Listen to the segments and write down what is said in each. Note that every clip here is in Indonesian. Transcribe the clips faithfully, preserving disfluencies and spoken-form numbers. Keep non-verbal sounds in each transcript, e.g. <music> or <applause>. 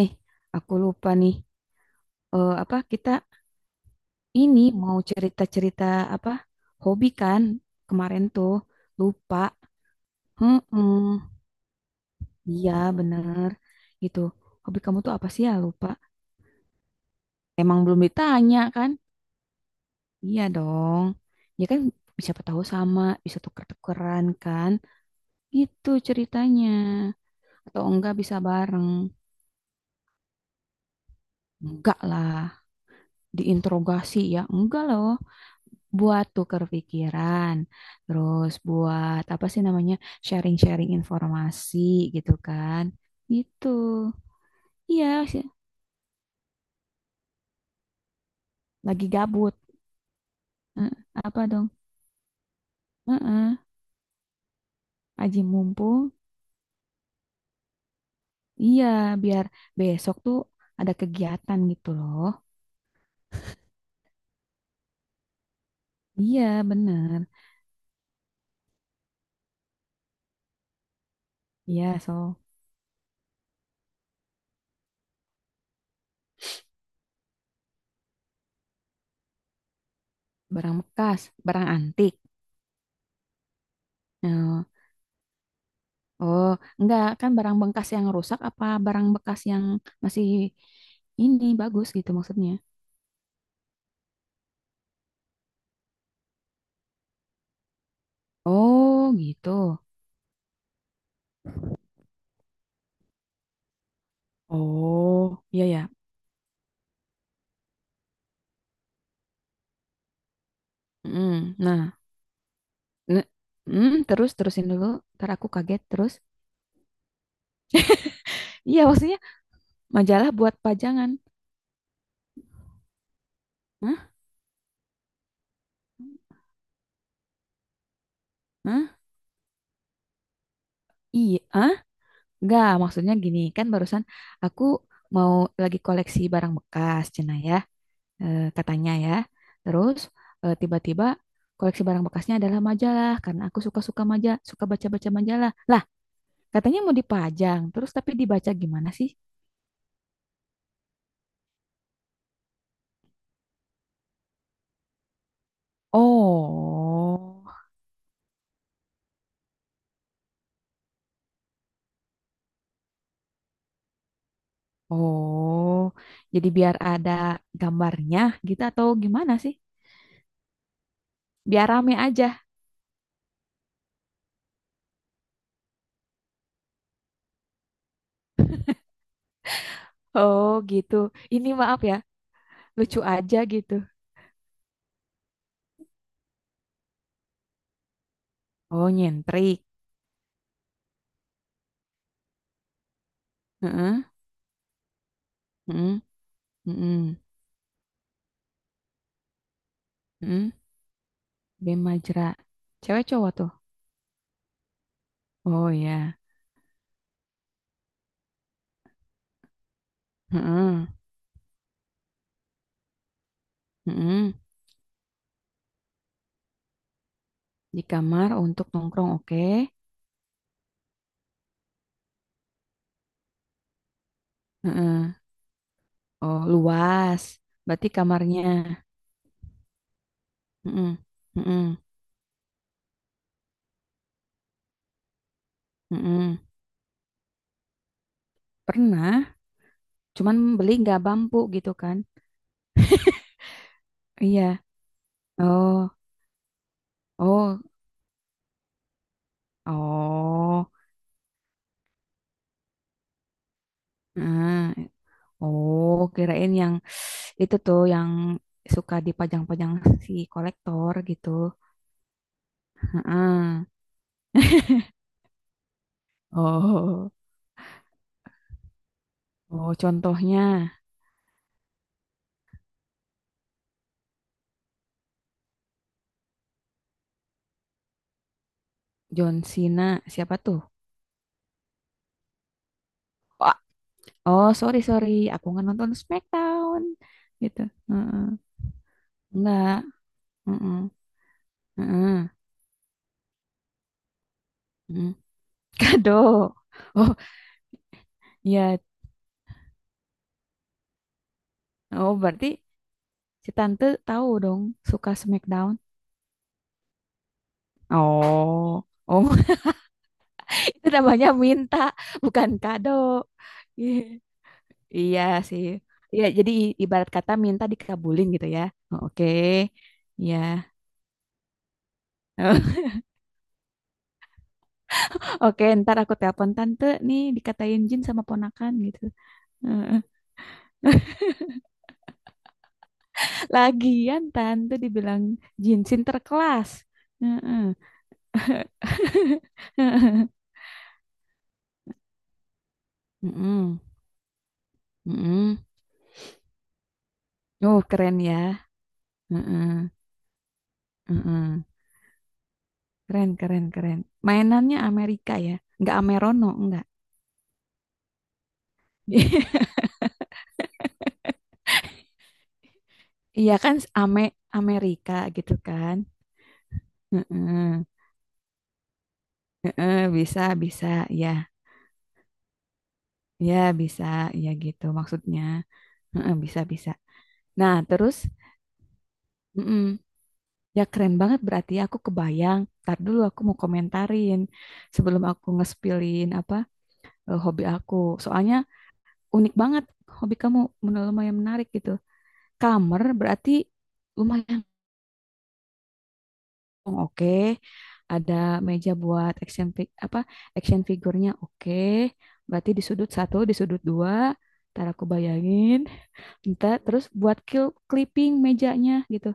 Eh, aku lupa nih. Eh, apa kita ini mau cerita-cerita apa hobi kan kemarin tuh lupa. Hmm, iya bener gitu. Hobi kamu tuh apa sih ya lupa? Emang belum ditanya kan? Iya dong. Ya kan siapa tahu sama bisa tuker-tukeran kan? Gitu ceritanya. Atau enggak bisa bareng? Enggak lah. Diinterogasi ya? Enggak loh. Buat tukar pikiran, terus buat apa sih namanya sharing-sharing informasi gitu kan, gitu. Iya sih, lagi gabut. Eh, apa dong? Heeh, aji mumpung. Iya, biar besok tuh ada kegiatan gitu loh. Iya, bener. Iya, so barang bekas, barang antik. Nah, oh, enggak kan barang bekas yang rusak apa barang bekas yang masih ini bagus gitu maksudnya. Oh, gitu. Oh, iya ya. Mm, Nah, ne- mm, terus terusin dulu. Ntar aku kaget terus. Iya, maksudnya majalah buat pajangan. Hah? Hah? Iya, ah? Enggak, maksudnya gini, kan barusan aku mau lagi koleksi barang bekas, Cina ya, eh, katanya ya. Terus eh, tiba-tiba koleksi barang bekasnya adalah majalah karena aku suka-suka majalah, suka baca-baca majalah. Lah, katanya mau dipajang, terus tapi dibaca gimana sih? Oh. Oh, jadi biar ada gambarnya gitu atau gimana sih? Biar rame aja. Oh, gitu. Ini maaf ya, lucu aja gitu. Oh, nyentrik. Heeh, heeh, heeh, heeh. Bem Majra. Cewek cowok tuh. Oh ya. Heeh, heeh. Di kamar untuk nongkrong, oke. Heeh. Oh, luas. Berarti kamarnya. Heeh, heeh, heeh. Pernah, cuman beli nggak bambu gitu kan? Iya. Oh, oh, oh, nah, oh, kirain yang itu tuh yang suka dipajang-pajang si kolektor gitu. Heeh. Oh, oh, contohnya John Cena, siapa tuh? Wah, oh, sorry, sorry, aku nggak nonton SmackDown gitu. Heeh. Enggak, heeh, heeh, heeh. <laughs> Kado. Oh, iya, oh, berarti si tante tahu dong suka SmackDown. Oh. Oh. <laughs> Itu namanya minta, bukan kado. Iya, iya sih. Iya, jadi i- ibarat kata minta dikabulin gitu ya. Oh, oke. Iya. <laughs> Oke, ntar aku telepon tante nih dikatain jin sama ponakan gitu. Heeh. <laughs> Lagian tante dibilang jin sinterklas. Heeh. <laughs> Mm-mm. Mm-mm. Oh, keren ya. Mm-mm. Keren, keren, keren. Mainannya Amerika ya. Nggak Amerono, enggak. <laughs> Iya kan Ame Amerika gitu kan. Heeh. Heeh, bisa bisa ya. Ya bisa ya gitu maksudnya. Heeh, bisa bisa. Nah, terus mm-mm. Ya keren banget berarti ya, aku kebayang. Ntar dulu aku mau komentarin sebelum aku ngespilin apa eh, hobi aku. Soalnya unik banget hobi kamu menurut lumayan menarik gitu. Kamar berarti lumayan oh, oke, ada meja buat action fi- apa action figurnya. Oke, berarti di sudut satu, di sudut dua. Ntar aku bayangin. Ntar terus buat kil- clipping mejanya gitu,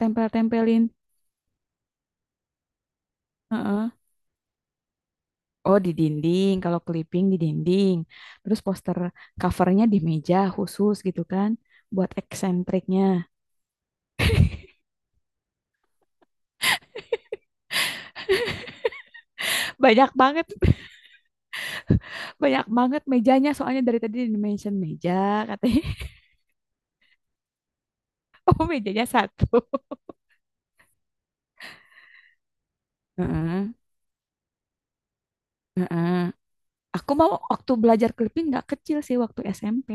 tempel-tempelin. Heeh. Oh di dinding, kalau clipping di dinding. Terus poster covernya di meja khusus gitu kan, buat eksentriknya. Banyak banget, banyak banget mejanya. Soalnya dari tadi di mention meja katanya. <laughs> Oh mejanya satu. Heeh, heeh. Aku mau waktu belajar clipping nggak kecil sih waktu S M P.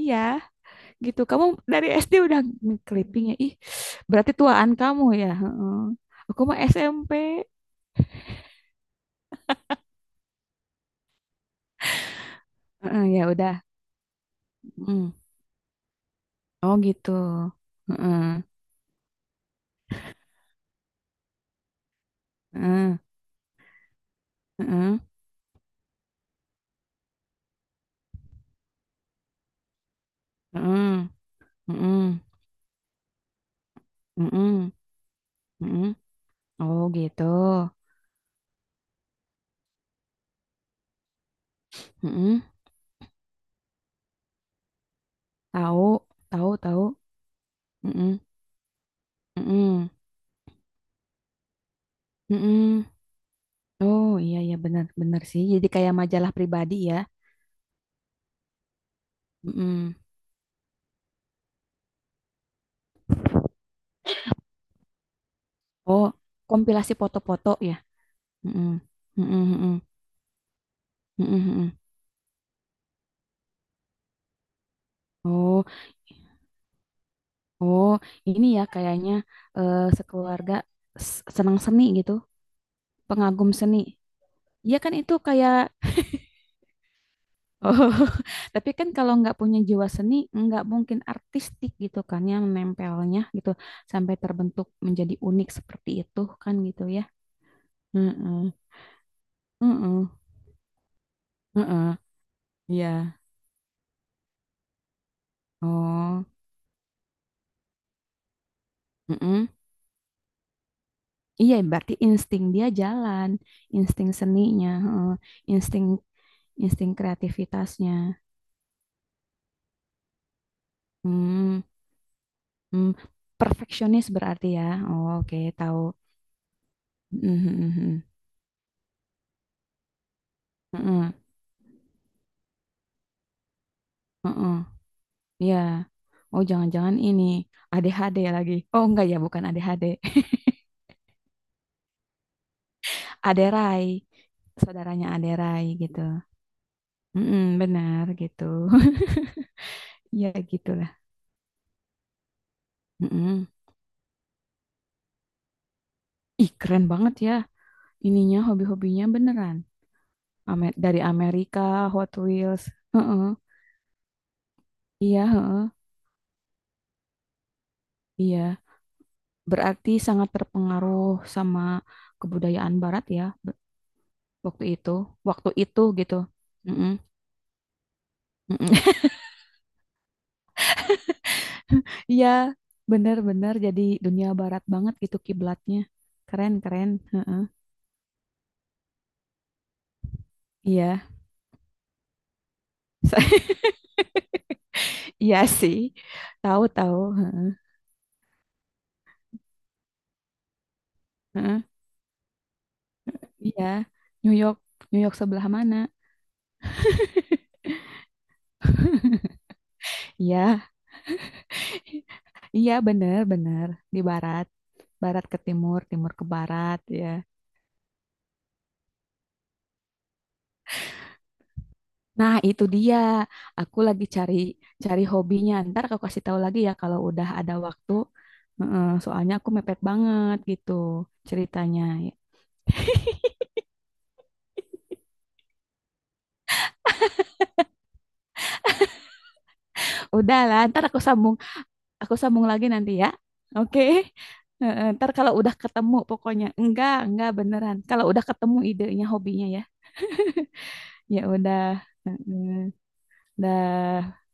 Iya, gitu. Kamu dari S D udah clipping ya? Ih, berarti tuaan kamu ya. Heeh. Aku mah S M P. Heeh, ya udah. Mm. Oh gitu. Heeh. Heeh. Heeh. Heeh. Heeh. Heeh. Heeh. Oh gitu. Heeh. Tahu, tahu, tahu. Heeh. Heeh. Heeh. Oh, iya iya benar benar sih. Jadi kayak majalah pribadi ya. Heeh. Oh, kompilasi foto-foto ya. Mm-mm. Mm-mm, mm-mm, mm-mm, mm-mm. Oh, oh, ini ya kayaknya eh, sekeluarga s- senang seni gitu, pengagum seni. Iya kan itu kayak, <laughs> oh, tapi kan kalau nggak punya jiwa seni, nggak mungkin artistik gitu kan yang menempelnya gitu sampai terbentuk menjadi unik seperti itu kan gitu ya. Mm-mm, mm-mm, iya. Oh, mm-mm. Iya, berarti insting dia jalan, insting seninya, heeh, insting insting kreativitasnya. Hmm, hmm. Perfeksionis berarti ya. Oh, oke, tahu. Mhm, mhm, mhm. Heeh, heeh. Iya. Oh, jangan-jangan ini A D H D lagi. Oh, enggak ya, bukan A D H D. <laughs> Aderai, saudaranya Aderai gitu. Mm benar gitu. <laughs> Ya gitulah. Mm-mm. Ih, keren banget ya. Ininya hobi-hobinya beneran. Ame- dari Amerika, Hot Wheels. Heeh. Iya, heeh. Iya. Berarti sangat terpengaruh sama kebudayaan Barat ya be- waktu itu, waktu itu gitu. Mm-mm. Mm-mm. <laughs> Iya, benar-benar jadi dunia Barat banget gitu kiblatnya. Keren, keren. Heeh. Iya, <laughs> iya sih. Tahu-tahu. Heeh. Heeh. Iya, New York, New York sebelah mana? Iya, iya benar-benar di Barat. Barat ke timur, timur ke barat, ya. Nah, itu dia. Aku lagi cari cari hobinya. Ntar aku kasih tahu lagi ya kalau udah ada waktu. Heeh, soalnya aku mepet banget gitu ceritanya. Udah lah, ntar aku sambung, aku sambung lagi nanti ya. Oke. Heeh, ntar kalau udah ketemu pokoknya. Enggak, enggak beneran. Kalau udah ketemu idenya hobinya ya. Ya udah. Heeh, dah.